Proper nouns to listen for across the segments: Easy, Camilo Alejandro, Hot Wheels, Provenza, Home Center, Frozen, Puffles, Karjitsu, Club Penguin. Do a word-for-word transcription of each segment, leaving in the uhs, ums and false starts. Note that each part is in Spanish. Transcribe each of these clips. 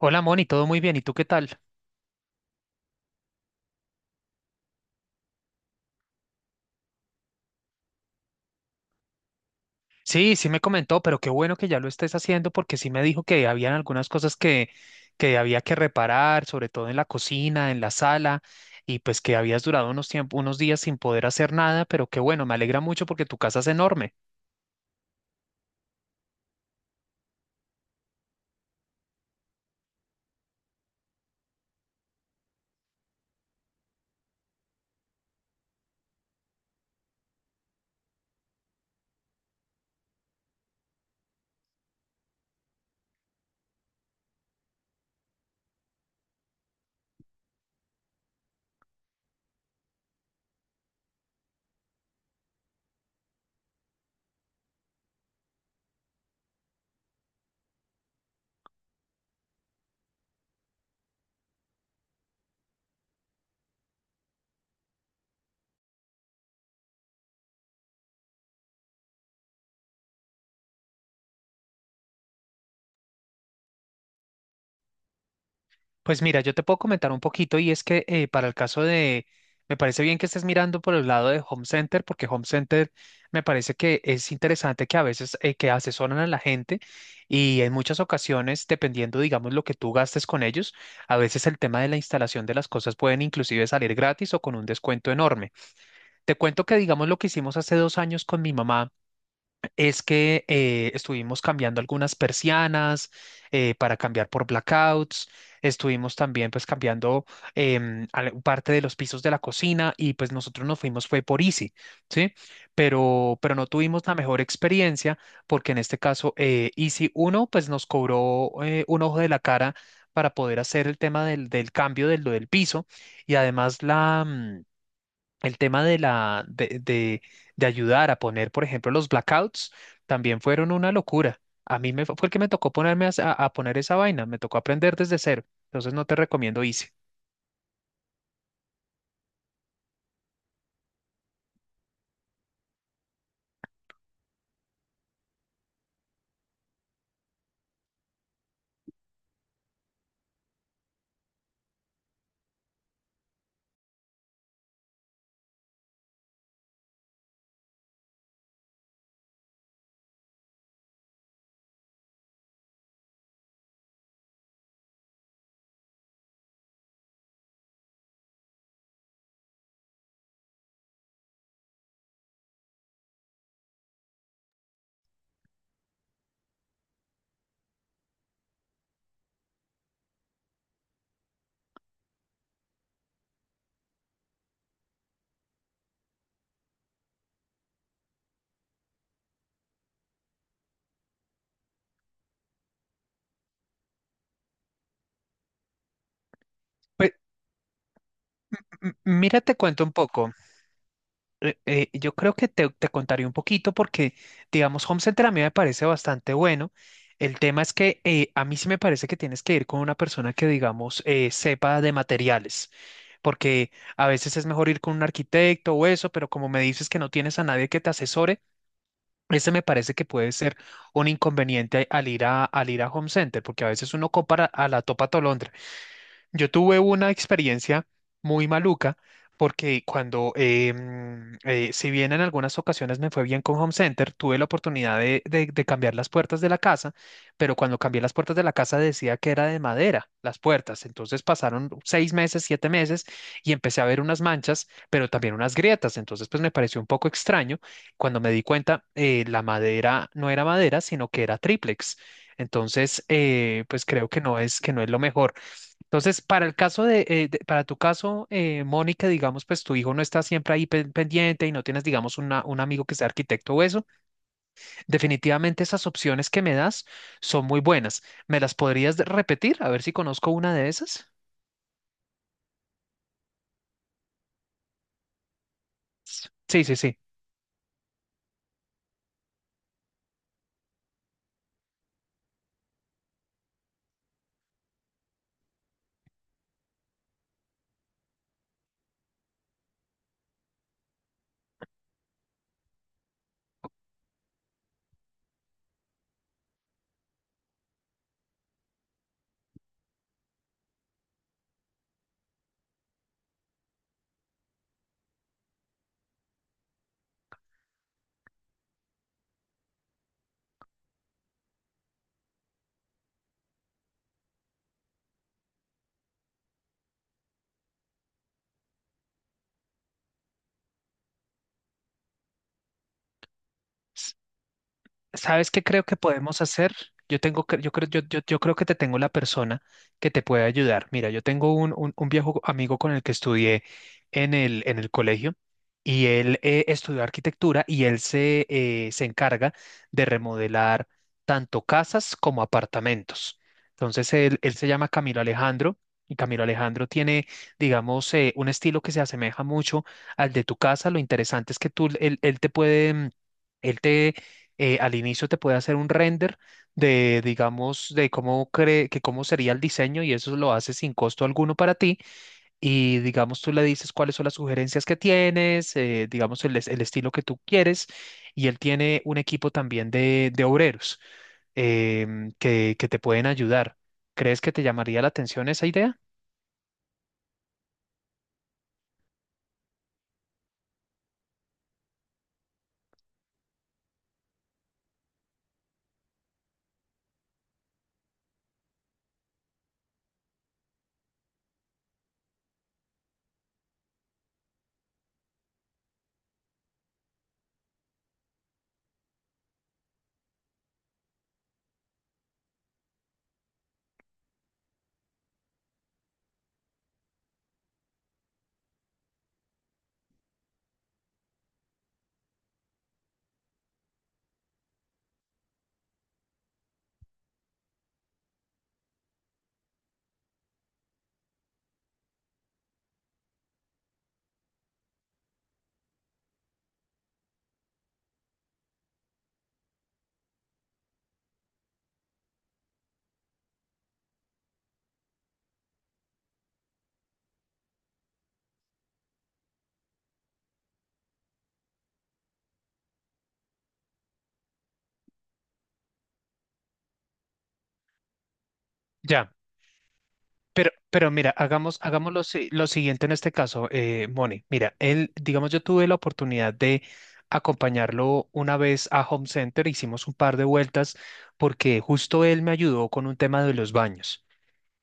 Hola Moni, todo muy bien, ¿y tú qué tal? Sí, sí me comentó, pero qué bueno que ya lo estés haciendo porque sí me dijo que habían algunas cosas que, que había que reparar, sobre todo en la cocina, en la sala, y pues que habías durado unos tiemp- unos días sin poder hacer nada, pero qué bueno, me alegra mucho porque tu casa es enorme. Pues mira, yo te puedo comentar un poquito y es que eh, para el caso de, me parece bien que estés mirando por el lado de Home Center, porque Home Center me parece que es interesante que a veces eh, que asesoran a la gente y en muchas ocasiones, dependiendo, digamos, lo que tú gastes con ellos, a veces el tema de la instalación de las cosas pueden inclusive salir gratis o con un descuento enorme. Te cuento que, digamos, lo que hicimos hace dos años con mi mamá es que eh, estuvimos cambiando algunas persianas eh, para cambiar por blackouts, estuvimos también pues cambiando em, al- parte de los pisos de la cocina y pues nosotros nos fuimos fue por Easy, ¿sí? Pero, pero no tuvimos la mejor experiencia porque en este caso eh, Easy uno pues nos cobró eh, un ojo de la cara para poder hacer el tema del, del cambio del, del piso y además la... mm, el tema de la de, de- de ayudar a poner, por ejemplo, los blackouts también fueron una locura. A mí me fue fue el que me tocó ponerme a, a- a poner esa vaina, me tocó aprender desde cero. Entonces no te recomiendo Easy. Pues m- mira, te cuento un poco. Eh, eh, yo creo que te, te contaré un poquito porque, digamos, Home Center a mí me parece bastante bueno. El tema es que eh, a mí sí me parece que tienes que ir con una persona que, digamos, eh, sepa de materiales, porque a veces es mejor ir con un arquitecto o eso, pero como me dices que no tienes a nadie que te asesore, ese me parece que puede ser un inconveniente al ir a, al ir a Home Center, porque a veces uno compra a la topa tolondra. Yo tuve una experiencia muy maluca porque cuando, eh, mm, eh, si bien en algunas ocasiones me fue bien con Home Center, tuve la oportunidad de, de- de cambiar las puertas de la casa, pero cuando cambié las puertas de la casa decía que era de madera las puertas. Entonces pasaron seis meses, siete meses y empecé a ver unas manchas, pero también unas grietas. Entonces pues me pareció un poco extraño. Cuando me di cuenta, eh, la madera no era madera, sino que era triplex. Entonces, eh, pues creo que no es, que no es lo mejor. Entonces, para el caso de, eh, de- para tu caso, eh, Mónica, digamos, pues tu hijo no está siempre ahí pen- pendiente y no tienes, digamos, una- un amigo que sea arquitecto o eso, definitivamente esas opciones que me das son muy buenas. ¿Me las podrías de- repetir? A ver si conozco una de esas. Sí, sí, sí. ¿Sabes qué creo que podemos hacer? Yo tengo que, yo creo, yo, yo, yo creo que te tengo la persona que te puede ayudar. Mira, yo tengo un, un, un viejo amigo con el que estudié en el, en el colegio y él eh, estudió arquitectura y él se, eh, se encarga de remodelar tanto casas como apartamentos. Entonces, él, él se llama Camilo Alejandro y Camilo Alejandro tiene, digamos, eh, un estilo que se asemeja mucho al de tu casa. Lo interesante es que tú, él, él te puede... mm, Él te, eh, al inicio te puede hacer un render de, digamos, de cómo cree que cómo sería el diseño y eso lo hace sin costo alguno para ti. Y digamos, tú le dices cuáles son las sugerencias que tienes, eh, digamos, el, es- el estilo que tú quieres. Y él tiene un equipo también de, de obreros em, que, que te pueden ayudar. ¿Crees que te llamaría la atención esa idea? Ya. Pero, pero mira, hagamos, hagamos lo, si- lo siguiente en este caso, eh, Moni. Mira, él, digamos, yo tuve la oportunidad de acompañarlo una vez a Home Center, hicimos un par de vueltas porque justo él me ayudó con un tema de los baños.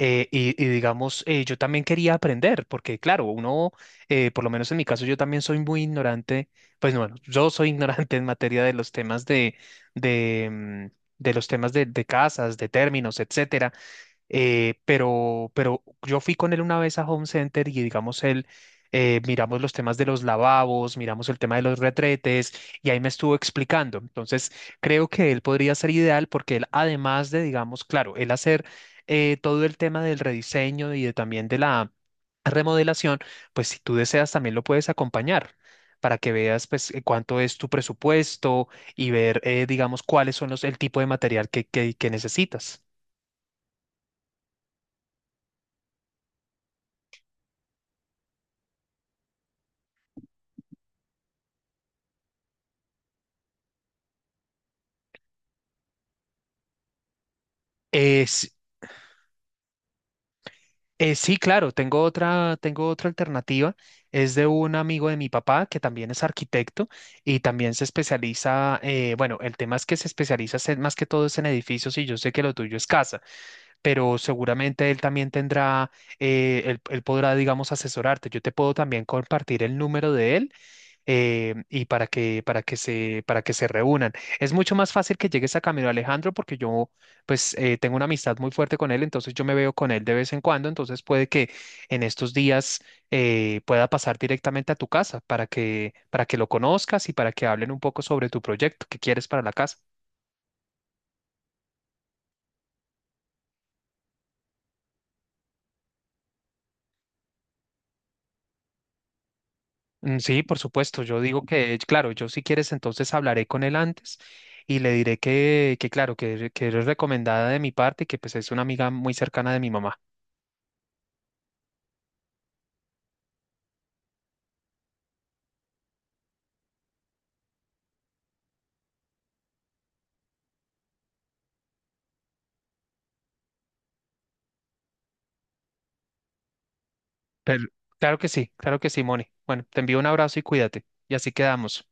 Eh, y, y digamos, eh, yo también quería aprender, porque claro, uno, eh, por lo menos en mi caso, yo también soy muy ignorante, pues bueno, yo soy ignorante en materia de los temas de, de, mm, de los temas de, de casas, de términos, etcétera eh, pero, pero yo fui con él una vez a Home Center y digamos él, eh, miramos los temas de los lavabos, miramos el tema de los retretes y ahí me estuvo explicando. Entonces creo que él podría ser ideal porque él además de, digamos, claro, él hacer eh, todo el tema del rediseño y de, también de la remodelación, pues si tú deseas también lo puedes acompañar. Para que veas pues eh, cuánto es tu presupuesto y ver eh, digamos cuáles son los el tipo de material que, que que necesitas. Es Eh, sí, claro, tengo otra, tengo otra alternativa. Es de un amigo de mi papá que también es arquitecto y también se especializa, eh, bueno, el tema es que se especializa es en- más que todo es en edificios y yo sé que lo tuyo es casa, pero seguramente él también tendrá, eh, él, él podrá, digamos, asesorarte. Yo te puedo también compartir el número de él eh, y para que, para que se, para que se reúnan. Es mucho más fácil que llegues a Camilo Alejandro porque yo, pues, eh, tengo una amistad muy fuerte con él, entonces yo me veo con él de vez en cuando, entonces puede que en estos días eh, pueda pasar directamente a tu casa para que, para que lo conozcas y para que hablen un poco sobre tu proyecto que quieres para la casa. Mm, sí, por supuesto. Yo digo que, claro, yo si quieres, entonces hablaré con él antes y le diré que, que claro, que, que eres recomendada de mi parte y que pues es una amiga muy cercana de mi mamá. Pero, claro que sí, claro que sí, Moni. Bueno, te envío un abrazo y cuídate. Y así quedamos.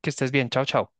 Que estés bien. Chao, chao.